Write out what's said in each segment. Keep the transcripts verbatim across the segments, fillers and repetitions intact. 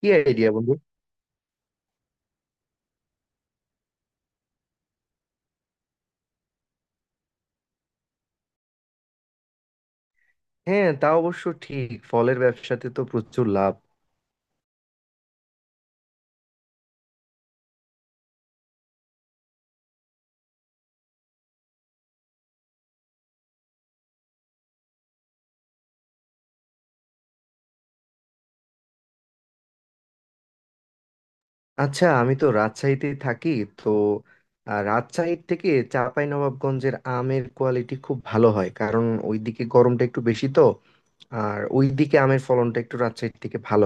কি আইডিয়া, বন্ধু? হ্যাঁ, তা অবশ্য ঠিক। ফলের ব্যবসাতে তো প্রচুর লাভ। আচ্ছা, আমি তো রাজশাহীতেই থাকি। তো আহ, রাজশাহীর থেকে চাঁপাইনবাবগঞ্জের আমের কোয়ালিটি খুব ভালো হয়, কারণ ওইদিকে গরমটা একটু বেশি। তো আর ওইদিকে আমের ফলনটা একটু রাজশাহীর থেকে ভালো।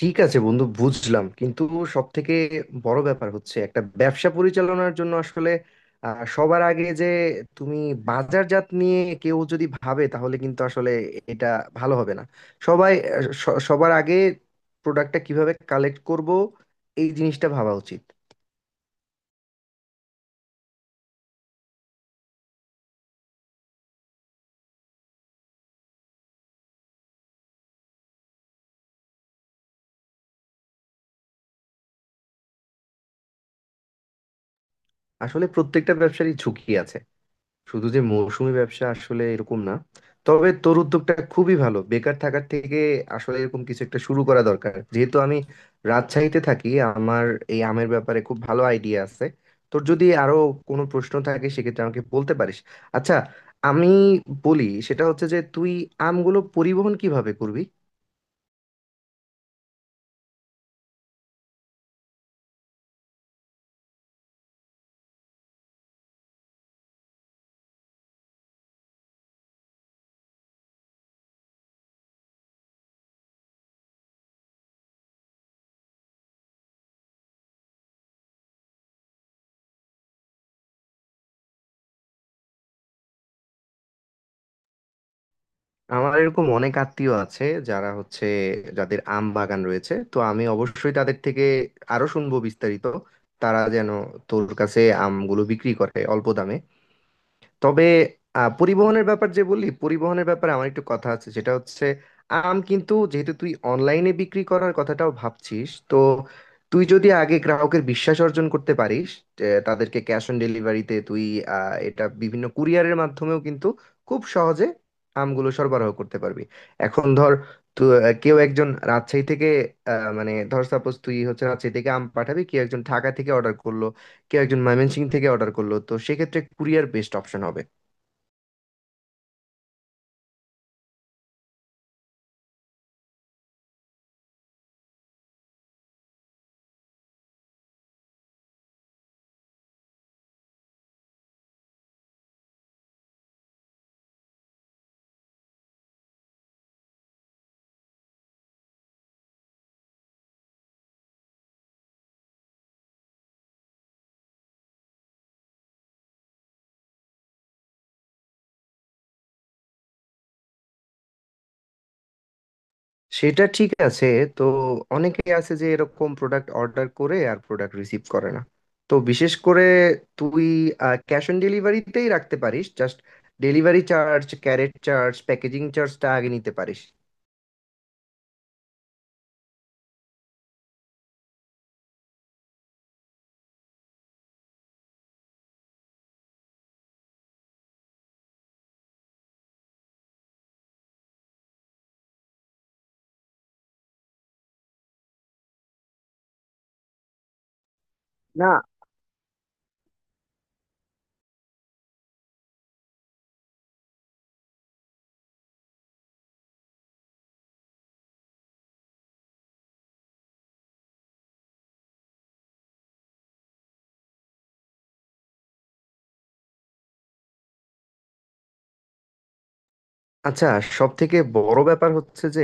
ঠিক আছে বন্ধু, বুঝলাম। কিন্তু সব থেকে বড় ব্যাপার হচ্ছে, একটা ব্যবসা পরিচালনার জন্য আসলে আহ, সবার আগে যে তুমি বাজারজাত নিয়ে কেউ যদি ভাবে তাহলে কিন্তু আসলে এটা ভালো হবে না। সবাই আহ, স- সবার আগে প্রোডাক্টটা কিভাবে কালেক্ট করব, এই জিনিসটা ভাবা উচিত। আসলে প্রত্যেকটা ব্যবসারই ঝুঁকি আছে। শুধু যে মৌসুমী ব্যবসা আসলে এরকম না। তবে তোর উদ্যোগটা খুবই ভালো। বেকার থাকার থেকে আসলে এরকম কিছু একটা শুরু করা দরকার। যেহেতু আমি রাজশাহীতে থাকি, আমার এই আমের ব্যাপারে খুব ভালো আইডিয়া আছে। তোর যদি আরো কোনো প্রশ্ন থাকে, সেক্ষেত্রে আমাকে বলতে পারিস। আচ্ছা, আমি বলি, সেটা হচ্ছে যে তুই আমগুলো পরিবহন কিভাবে করবি? আমার এরকম অনেক আত্মীয় আছে, যারা হচ্ছে যাদের আম বাগান রয়েছে। তো আমি অবশ্যই তাদের থেকে আরো শুনবো বিস্তারিত, তারা যেন তোর কাছে আমগুলো বিক্রি করে অল্প দামে। তবে আহ, পরিবহনের ব্যাপার যে বললি, পরিবহনের ব্যাপারে আমার একটু কথা আছে, সেটা হচ্ছে আম কিন্তু যেহেতু তুই অনলাইনে বিক্রি করার কথাটাও ভাবছিস, তো তুই যদি আগে গ্রাহকের বিশ্বাস অর্জন করতে পারিস, যে তাদেরকে ক্যাশ অন ডেলিভারিতে তুই আহ, এটা বিভিন্ন কুরিয়ারের মাধ্যমেও কিন্তু খুব সহজে আমগুলো সরবরাহ করতে পারবি। এখন ধর, তো কেউ একজন রাজশাহী থেকে আহ, মানে ধর সাপোজ তুই হচ্ছে রাজশাহী থেকে আম পাঠাবি, কেউ একজন ঢাকা থেকে অর্ডার করলো, কেউ একজন ময়মনসিং থেকে অর্ডার করলো, তো সেক্ষেত্রে কুরিয়ার বেস্ট অপশন হবে। সেটা ঠিক আছে। তো অনেকে আছে যে এরকম প্রোডাক্ট অর্ডার করে আর প্রোডাক্ট রিসিভ করে না। তো বিশেষ করে তুই ক্যাশ অন ডেলিভারিতেই রাখতে পারিস। জাস্ট ডেলিভারি চার্জ, ক্যারেট চার্জ, প্যাকেজিং চার্জটা আগে নিতে পারিস। না। আচ্ছা, সব থেকে বড় ব্যাপার হচ্ছে যে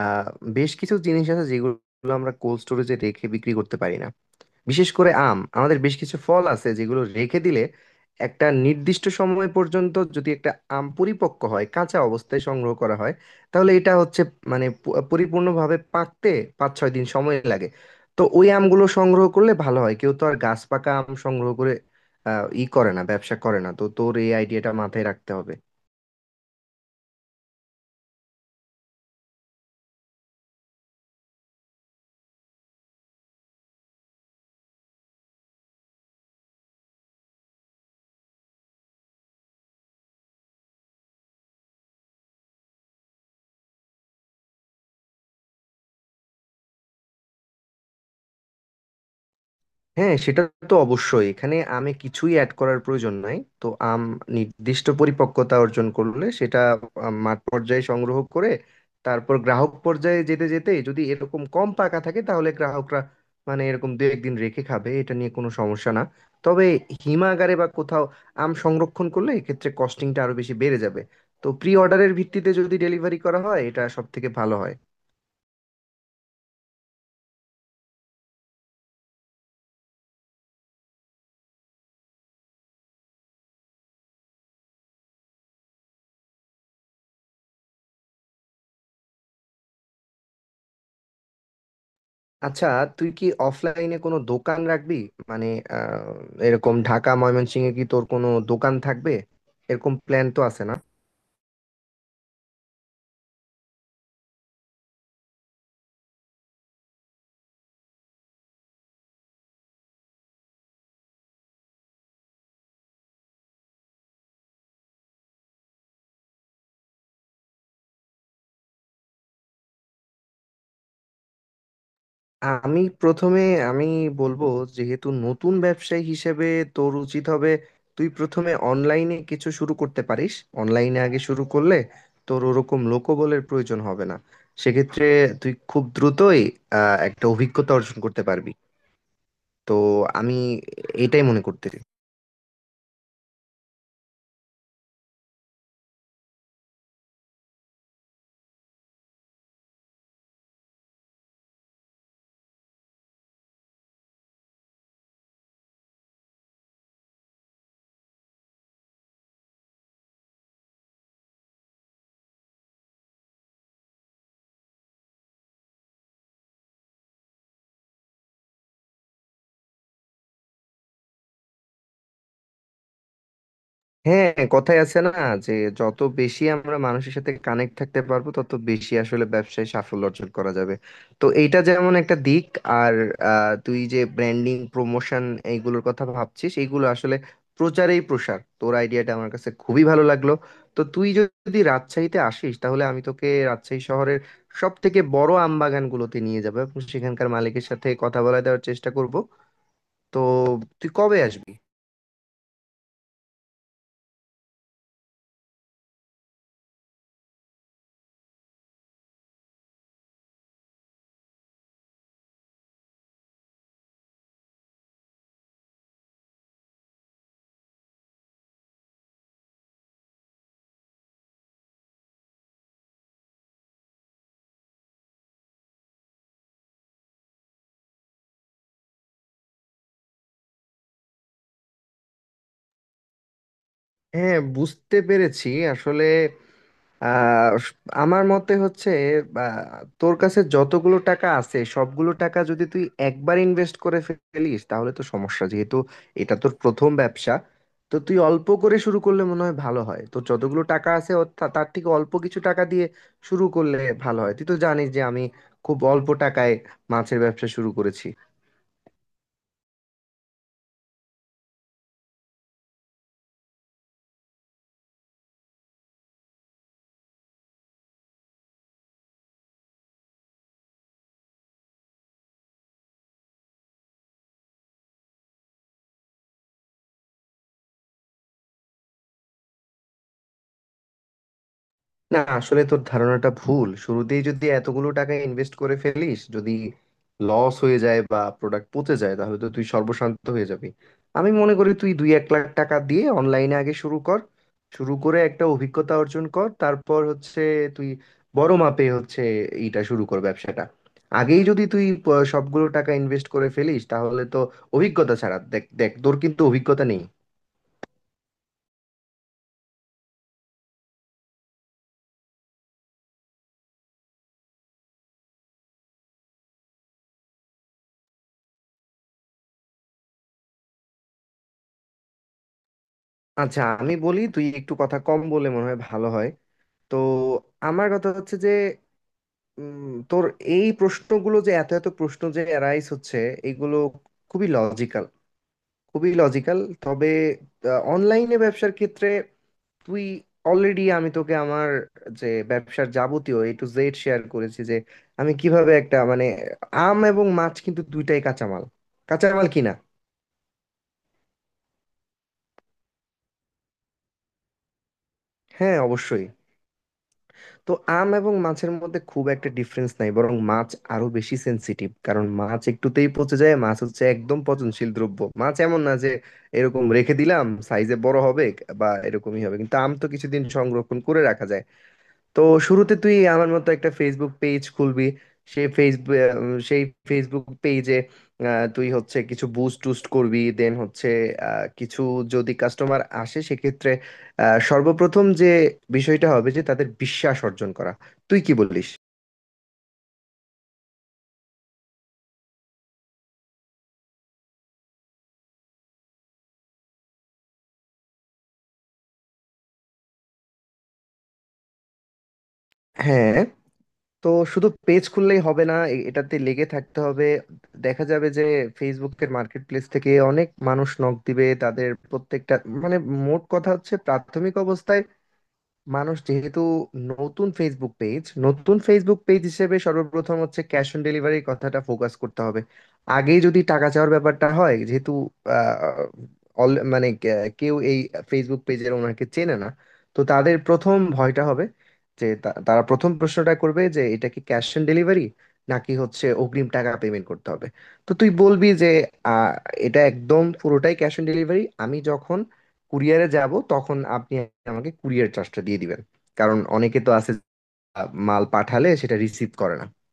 আহ, বেশ কিছু জিনিস আছে যেগুলো আমরা কোল্ড স্টোরেজে রেখে বিক্রি করতে পারি না। বিশেষ করে আম, আমাদের বেশ কিছু ফল আছে যেগুলো রেখে দিলে একটা নির্দিষ্ট সময় পর্যন্ত, যদি একটা আম পরিপক্ক হয় কাঁচা অবস্থায় সংগ্রহ করা হয়, তাহলে এটা হচ্ছে মানে পু- পরিপূর্ণভাবে পাকতে পাঁচ ছয় দিন সময় লাগে। তো ওই আমগুলো সংগ্রহ করলে ভালো হয়। কেউ তো আর গাছ পাকা আম সংগ্রহ করে আহ, ই করে না, ব্যবসা করে না। তো তোর এই আইডিয়াটা মাথায় রাখতে হবে। হ্যাঁ, সেটা তো অবশ্যই। এখানে আমে কিছুই অ্যাড করার প্রয়োজন নাই। তো আম নির্দিষ্ট পরিপক্কতা অর্জন করলে সেটা আম, মাঠ পর্যায়ে সংগ্রহ করে, তারপর গ্রাহক পর্যায়ে যেতে যেতে যদি এরকম কম পাকা থাকে তাহলে গ্রাহকরা মানে এরকম দু একদিন রেখে খাবে, এটা নিয়ে কোনো সমস্যা না। তবে হিমাগারে বা কোথাও আম সংরক্ষণ করলে এক্ষেত্রে কস্টিংটা আরো বেশি বেড়ে যাবে। তো প্রি অর্ডারের ভিত্তিতে যদি ডেলিভারি করা হয়, এটা সব থেকে ভালো হয়। আচ্ছা, তুই কি অফলাইনে কোনো দোকান রাখবি? মানে আহ, এরকম ঢাকা, ময়মনসিংহে কি তোর কোনো দোকান থাকবে? এরকম প্ল্যান তো আছে, না? আমি প্রথমে, আমি বলবো, যেহেতু নতুন ব্যবসায়ী হিসেবে তোর উচিত হবে তুই প্রথমে অনলাইনে কিছু শুরু করতে পারিস। অনলাইনে আগে শুরু করলে তোর ওরকম লোকবলের প্রয়োজন হবে না। সেক্ষেত্রে তুই খুব দ্রুতই আহ, একটা অভিজ্ঞতা অর্জন করতে পারবি। তো আমি এটাই মনে করতেছি। হ্যাঁ, কথাই আছে না, যে যত বেশি আমরা মানুষের সাথে কানেক্ট থাকতে পারবো, তত বেশি আসলে ব্যবসায় সাফল্য অর্জন করা যাবে। তো এইটা যেমন একটা দিক। আর আহ, তুই যে ব্র্যান্ডিং, প্রমোশন এইগুলোর কথা ভাবছিস, এইগুলো আসলে প্রচারেই প্রসার। তোর আইডিয়াটা আমার কাছে খুবই ভালো লাগলো। তো তুই যদি রাজশাহীতে আসিস, তাহলে আমি তোকে রাজশাহী শহরের সব থেকে বড় আম বাগানগুলোতে নিয়ে যাবো, এবং সেখানকার মালিকের সাথে কথা বলা দেওয়ার চেষ্টা করব। তো তুই কবে আসবি? হ্যাঁ, বুঝতে পেরেছি। আসলে, আর আমার মতে হচ্ছে, বা, তোর কাছে যতগুলো টাকা আছে, সবগুলো টাকা যদি তুই একবার ইনভেস্ট করে ফেলিস তাহলে তো সমস্যা। যেহেতু এটা তোর প্রথম ব্যবসা, তো তুই অল্প করে শুরু করলে মনে হয় ভালো হয়। তো যতগুলো টাকা আছে ও তা- তার থেকে অল্প কিছু টাকা দিয়ে শুরু করলে ভালো হয়। তুই তো জানিস যে আমি খুব অল্প টাকায় মাছের ব্যবসা শুরু করেছি। না, আসলে তোর ধারণাটা ভুল। শুরুতেই যদি এতগুলো টাকা ইনভেস্ট করে ফেলিস, যদি লস হয়ে যায় বা প্রোডাক্ট পচে যায়, তাহলে তো তুই সর্বশান্ত হয়ে যাবি। আমি মনে করি তুই দুই এক লাখ টাকা দিয়ে অনলাইনে আগে শুরু কর। শুরু করে একটা অভিজ্ঞতা অর্জন কর, তারপর হচ্ছে তুই বড় মাপে হচ্ছে এইটা শুরু কর, ব্যবসাটা। আগেই যদি তুই প- সবগুলো টাকা ইনভেস্ট করে ফেলিস, তাহলে তো অভিজ্ঞতা ছাড়া দেখ দেখ তোর কিন্তু অভিজ্ঞতা নেই। আচ্ছা, আমি বলি তুই একটু কথা কম বলে মনে হয় ভালো হয়। তো আমার কথা হচ্ছে যে উম, তোর এই প্রশ্নগুলো, যে এত এত প্রশ্ন যে অ্যারাইজ হচ্ছে, এইগুলো খুবই লজিক্যাল। খুবই লজিক্যাল। তবে অনলাইনে ব্যবসার ক্ষেত্রে তুই অলরেডি, আমি তোকে আমার যে ব্যবসার যাবতীয় এ টু জেড শেয়ার করেছি, যে আমি কিভাবে একটা মানে আম এবং মাছ কিন্তু দুইটাই কাঁচামাল। কাঁচামাল কিনা? হ্যাঁ, অবশ্যই। তো আম এবং মাছের মধ্যে খুব একটা ডিফারেন্স নাই, বরং মাছ আরো বেশি সেনসিটিভ। কারণ মাছ একটুতেই পচে যায়। মাছ হচ্ছে একদম পচনশীল দ্রব্য। মাছ এমন না যে এরকম রেখে দিলাম সাইজে বড় হবে বা এরকমই হবে, কিন্তু আম তো কিছুদিন সংরক্ষণ করে রাখা যায়। তো শুরুতে তুই আমার মতো একটা ফেসবুক পেজ খুলবি। সেই ফেসবুক সেই ফেসবুক পেজে তুই হচ্ছে কিছু বুস্ট টুস্ট করবি। দেন হচ্ছে আহ, কিছু যদি কাস্টমার আসে সেক্ষেত্রে আহ, সর্বপ্রথম যে বিষয়টা হবে যে তাদের বিশ্বাস অর্জন করা। তুই কি বলিস? হ্যাঁ। তো শুধু পেজ খুললেই হবে না, এ- এটাতে লেগে থাকতে হবে। দেখা যাবে যে ফেসবুকের মার্কেট প্লেস থেকে অনেক মানুষ নক দিবে, তাদের প্রত্যেকটা মানে মোট কথা হচ্ছে প্রাথমিক অবস্থায় মানুষ যেহেতু নতুন ফেসবুক পেজ নতুন ফেসবুক পেজ হিসেবে সর্বপ্রথম হচ্ছে ক্যাশ অন ডেলিভারির কথাটা ফোকাস করতে হবে। আগে যদি টাকা চাওয়ার ব্যাপারটা হয়, যেহেতু আহ, all- মানে কে- কেউ এই ফেসবুক পেজের ওনাকে চেনে না, তো তাদের প্রথম ভয়টা হবে যে তা- তারা প্রথম প্রশ্নটা করবে যে এটা কি ক্যাশ অন ডেলিভারি নাকি হচ্ছে অগ্রিম টাকা পেমেন্ট করতে হবে। তো তুই বলবি যে আহ, এটা একদম পুরোটাই ক্যাশ অন ডেলিভারি। আমি যখন কুরিয়ারে যাব, তখন আপনি আমাকে কুরিয়ার চার্জটা দিয়ে দিবেন। কারণ অনেকে তো আছে আহ, মাল পাঠালে সেটা রিসিভ করে না।